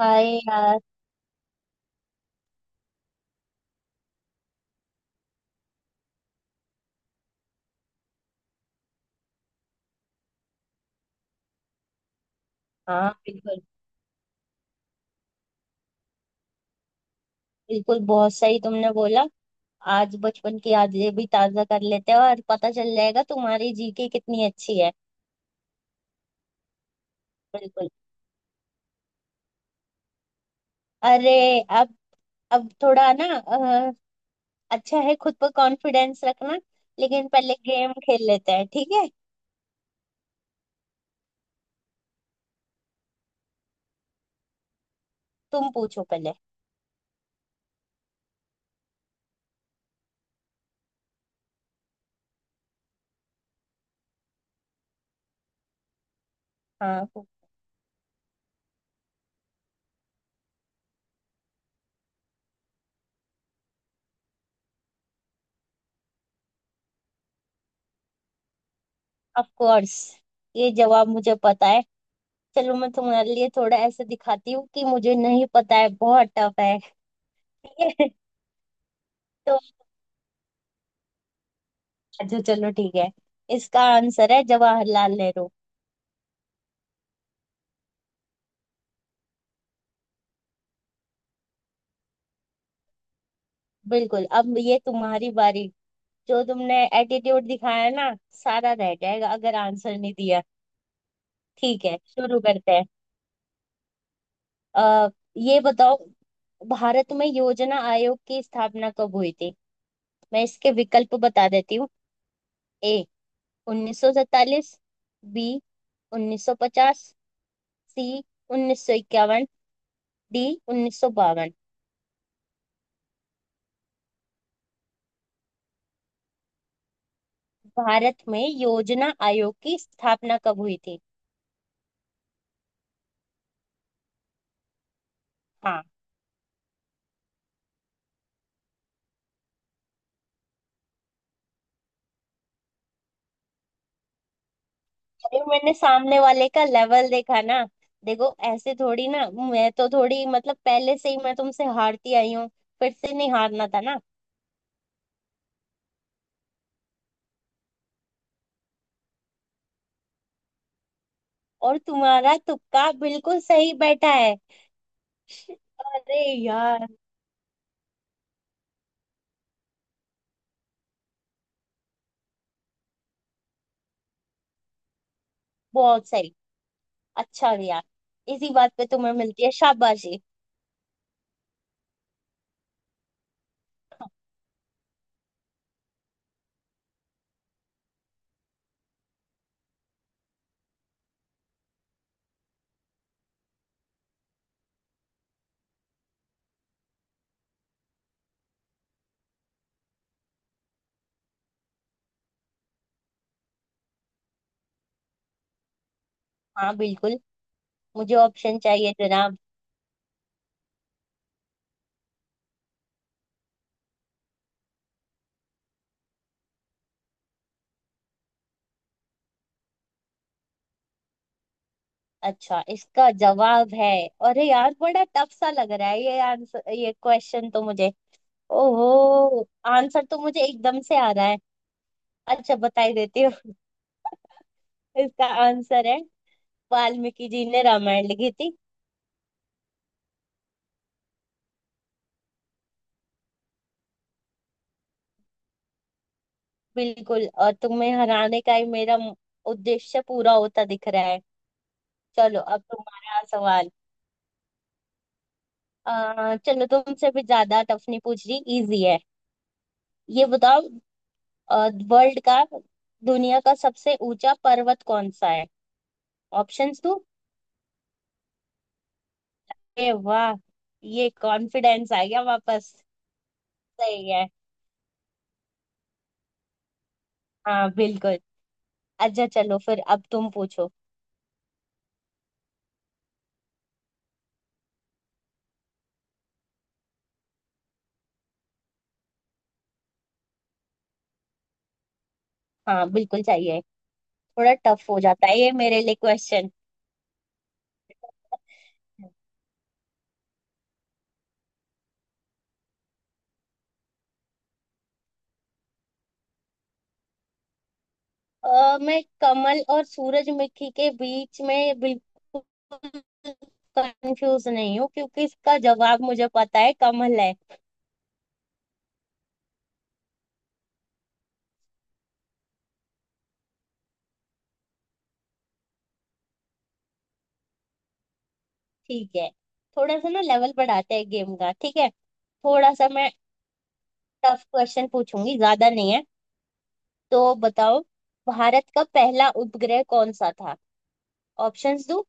हाय यार। हाँ बिल्कुल। बिल्कुल, बहुत सही तुमने बोला। आज बचपन की यादें भी ताजा कर लेते हैं और पता चल जाएगा तुम्हारी जीके कितनी अच्छी है। बिल्कुल। अरे, अब अब थोड़ा ना अच्छा है खुद पर कॉन्फिडेंस रखना। लेकिन पहले गेम खेल लेते हैं, ठीक है। तुम पूछो पहले। हाँ, ऑफ कोर्स, ये जवाब मुझे पता है। चलो मैं तुम्हारे लिए थोड़ा ऐसे दिखाती हूँ कि मुझे नहीं पता है, बहुत टफ है। ठीक है? तो अच्छा, चलो ठीक है। इसका आंसर है जवाहरलाल नेहरू। बिल्कुल। अब ये तुम्हारी बारी। जो तुमने एटीट्यूड दिखाया ना, सारा रह जाएगा अगर आंसर नहीं दिया। ठीक है, शुरू करते हैं। अ ये बताओ, भारत में योजना आयोग की स्थापना कब हुई थी। मैं इसके विकल्प बता देती हूँ। A 1947, B 1950, C 1951, D 1952। Bharat में योजना आयोग की स्थापना कब हुई थी। हाँ। ये मैंने सामने वाले का लेवल देखा ना। देखो ऐसे थोड़ी ना। मैं तो थोड़ी मतलब पहले से ही मैं तुमसे हारती आई हूँ। फिर से नहीं हारना था ना। और तुम्हारा तुक्का बिल्कुल सही बैठा है। अरे यार, बहुत सही। अच्छा गया। इसी बात पे तुम्हें मिलती है शाबाशी। हाँ बिल्कुल। मुझे ऑप्शन चाहिए जनाब। अच्छा, इसका जवाब है, अरे यार बड़ा टफ सा लग रहा है ये आंसर। ये क्वेश्चन तो मुझे ओहो। आंसर तो मुझे एकदम से आ रहा है। अच्छा, बताई देती हूँ। इसका आंसर है वाल्मीकि जी ने रामायण लिखी थी। बिल्कुल। और तुम्हें हराने का ही मेरा उद्देश्य पूरा होता दिख रहा है। चलो अब तुम्हारा सवाल। चलो तुमसे भी ज्यादा टफ नहीं पूछ रही, इजी है। ये बताओ, वर्ल्ड का दुनिया का सबसे ऊंचा पर्वत कौन सा है। ऑप्शंस दो। ए वाह, ये कॉन्फिडेंस आ गया वापस। सही है। हाँ बिल्कुल। अच्छा चलो, फिर अब तुम पूछो। हाँ बिल्कुल चाहिए। थोड़ा टफ हो जाता है ये मेरे लिए क्वेश्चन। मैं कमल और सूरजमुखी के बीच में बिल्कुल कंफ्यूज नहीं हूँ, क्योंकि इसका जवाब मुझे पता है, कमल है। ठीक है, थोड़ा सा ना लेवल बढ़ाते हैं गेम का। ठीक है थोड़ा सा मैं टफ क्वेश्चन पूछूंगी, ज्यादा नहीं है। तो बताओ, भारत का पहला उपग्रह कौन सा था। ऑप्शंस दूं।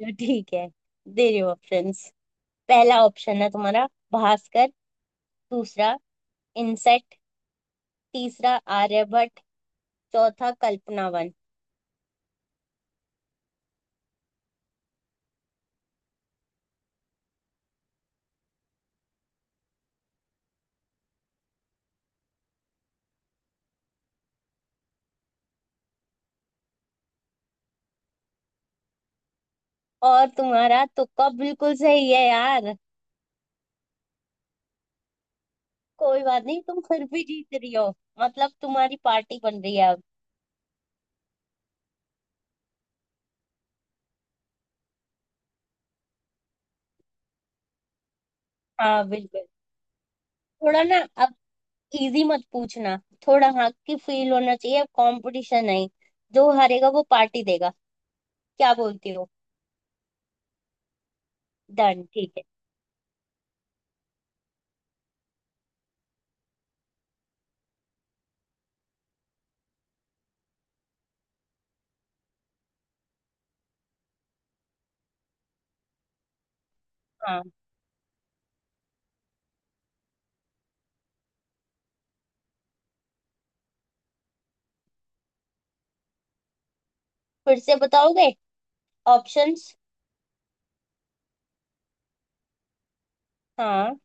तो ठीक है, दे रही हूँ ऑप्शंस। पहला ऑप्शन है तुम्हारा भास्कर, दूसरा इनसेट, तीसरा आर्यभट्ट, चौथा कल्पनावन। और तुम्हारा तुक्का बिल्कुल सही है यार। कोई बात नहीं, तुम फिर भी जीत रही हो। मतलब तुम्हारी पार्टी बन रही है अब। हाँ बिल्कुल। थोड़ा ना, अब इजी मत पूछना। थोड़ा हक की फील होना चाहिए अब, कंपटीशन नहीं। जो हारेगा वो पार्टी देगा। क्या बोलती हो। डन, ठीक है। हाँ। फिर से बताओगे ऑप्शंस। हाँ।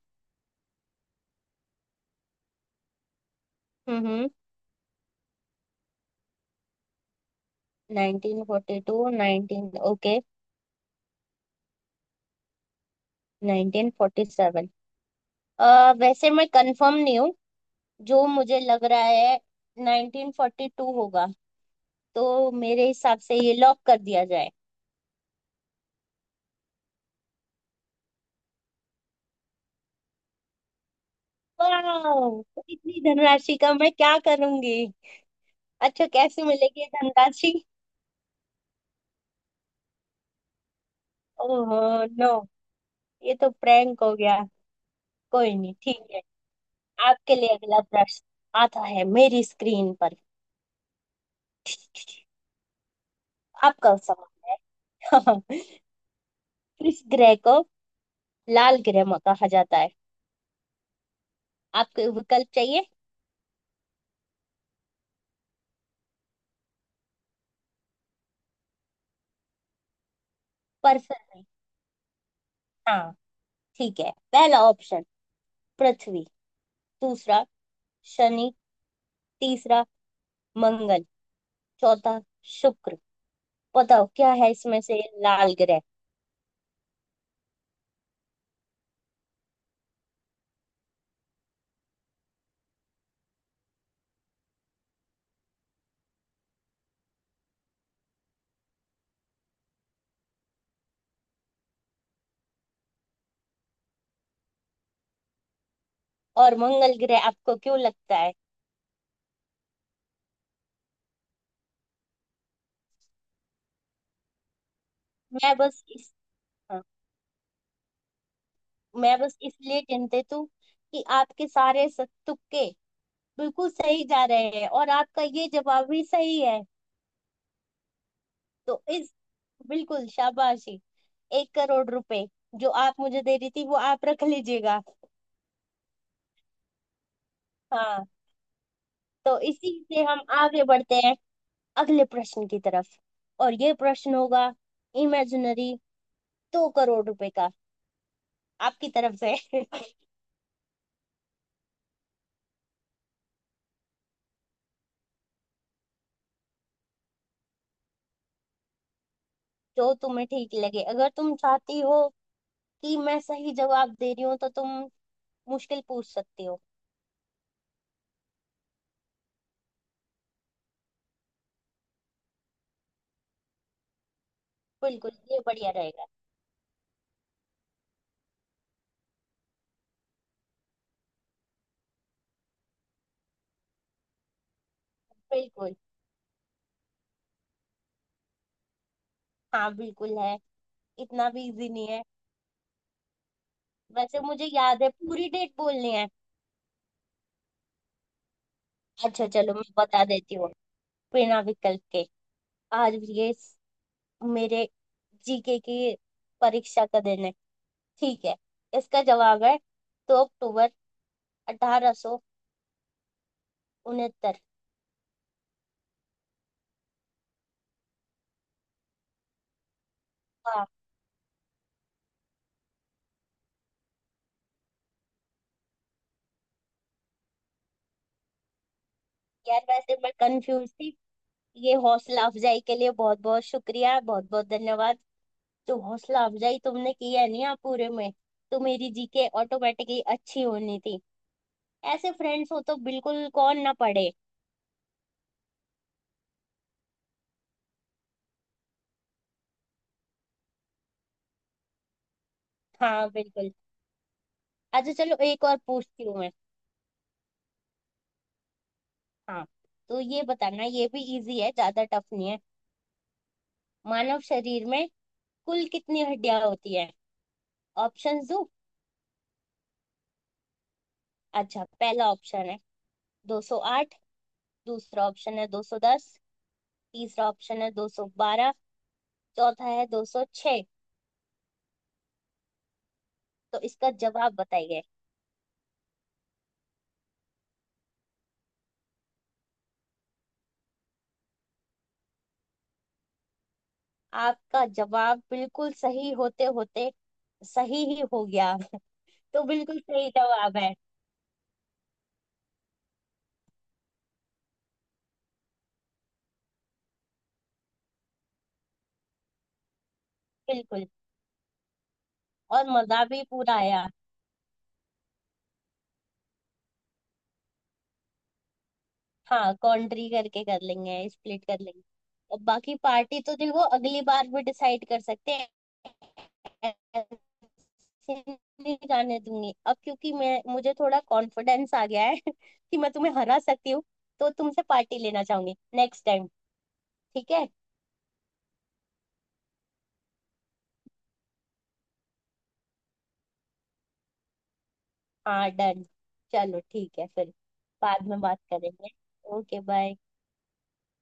हम्म। 1942 19 ओके। 1947। वैसे मैं कंफर्म नहीं हूँ। जो मुझे लग रहा है 1942 होगा। तो मेरे हिसाब से ये लॉक कर दिया जाए। वाह, इतनी धनराशि का मैं क्या करूंगी। अच्छा कैसे मिलेगी ये धनराशि। ओह नो, ये तो प्रैंक हो गया। कोई नहीं, ठीक है। आपके लिए अगला प्रश्न आता है मेरी स्क्रीन पर। आपका सवाल। किस ग्रह को लाल ग्रह में कहा जाता है। आपको विकल्प चाहिए पर्सन। हाँ, ठीक है। पहला ऑप्शन पृथ्वी, दूसरा शनि, तीसरा मंगल, चौथा शुक्र। बताओ क्या है इसमें से लाल ग्रह। और मंगल ग्रह आपको क्यों लगता है। मैं बस इस हाँ, मैं बस इसलिए चिंतित हूँ कि आपके सारे तुक्के बिल्कुल सही जा रहे हैं और आपका ये जवाब भी सही है। तो इस बिल्कुल शाबाशी। 1 करोड़ रुपए जो आप मुझे दे रही थी वो आप रख लीजिएगा। हाँ। तो इसी से हम आगे बढ़ते हैं अगले प्रश्न की तरफ। और ये प्रश्न होगा इमेजिनरी 2 करोड़ रुपए का, आपकी तरफ से। जो तुम्हें ठीक लगे, अगर तुम चाहती हो कि मैं सही जवाब दे रही हूँ तो तुम मुश्किल पूछ सकती हो। बिल्कुल, ये बढ़िया रहेगा। बिल्कुल। हाँ बिल्कुल है। इतना भी इजी नहीं है। वैसे मुझे याद है पूरी डेट बोलनी है। अच्छा चलो मैं बता देती हूँ बिना विकल्प के। आज ये मेरे जीके की परीक्षा का दिन है, ठीक है। इसका जवाब है 2 अक्टूबर 1869। हाँ। यार वैसे मैं कंफ्यूज थी। ये हौसला अफजाई के लिए बहुत बहुत शुक्रिया, बहुत बहुत धन्यवाद। जो हौसला अफजाई तुमने की है ना यहाँ पूरे में, तो मेरी जीके ऑटोमेटिकली अच्छी होनी थी। ऐसे फ्रेंड्स हो तो बिल्कुल कौन ना पढ़े। हाँ बिल्कुल। अच्छा चलो एक और पूछती हूँ मैं। हाँ। तो ये बताना, ये भी इजी है ज्यादा टफ नहीं है। मानव शरीर में कुल कितनी हड्डियां होती है। ऑप्शन दो। अच्छा, पहला ऑप्शन है 208, दूसरा ऑप्शन है 210, तीसरा ऑप्शन है 212, चौथा है 206। तो इसका जवाब बताइए। आपका जवाब बिल्कुल सही होते होते सही ही हो गया। तो बिल्कुल सही जवाब है। बिल्कुल, और मजा भी पूरा आया। हाँ कॉन्ट्री करके कर लेंगे, स्प्लिट कर लेंगे। और बाकी पार्टी तो देखो अगली बार भी डिसाइड कर सकते हैं। ऐसे नहीं जाने दूंगी अब, क्योंकि मैं मुझे थोड़ा कॉन्फिडेंस आ गया है कि मैं तुम्हें हरा सकती हूँ, तो तुमसे पार्टी लेना चाहूंगी नेक्स्ट टाइम। ठीक है। हाँ डन। चलो ठीक है फिर, बाद में बात करेंगे। Okay bye.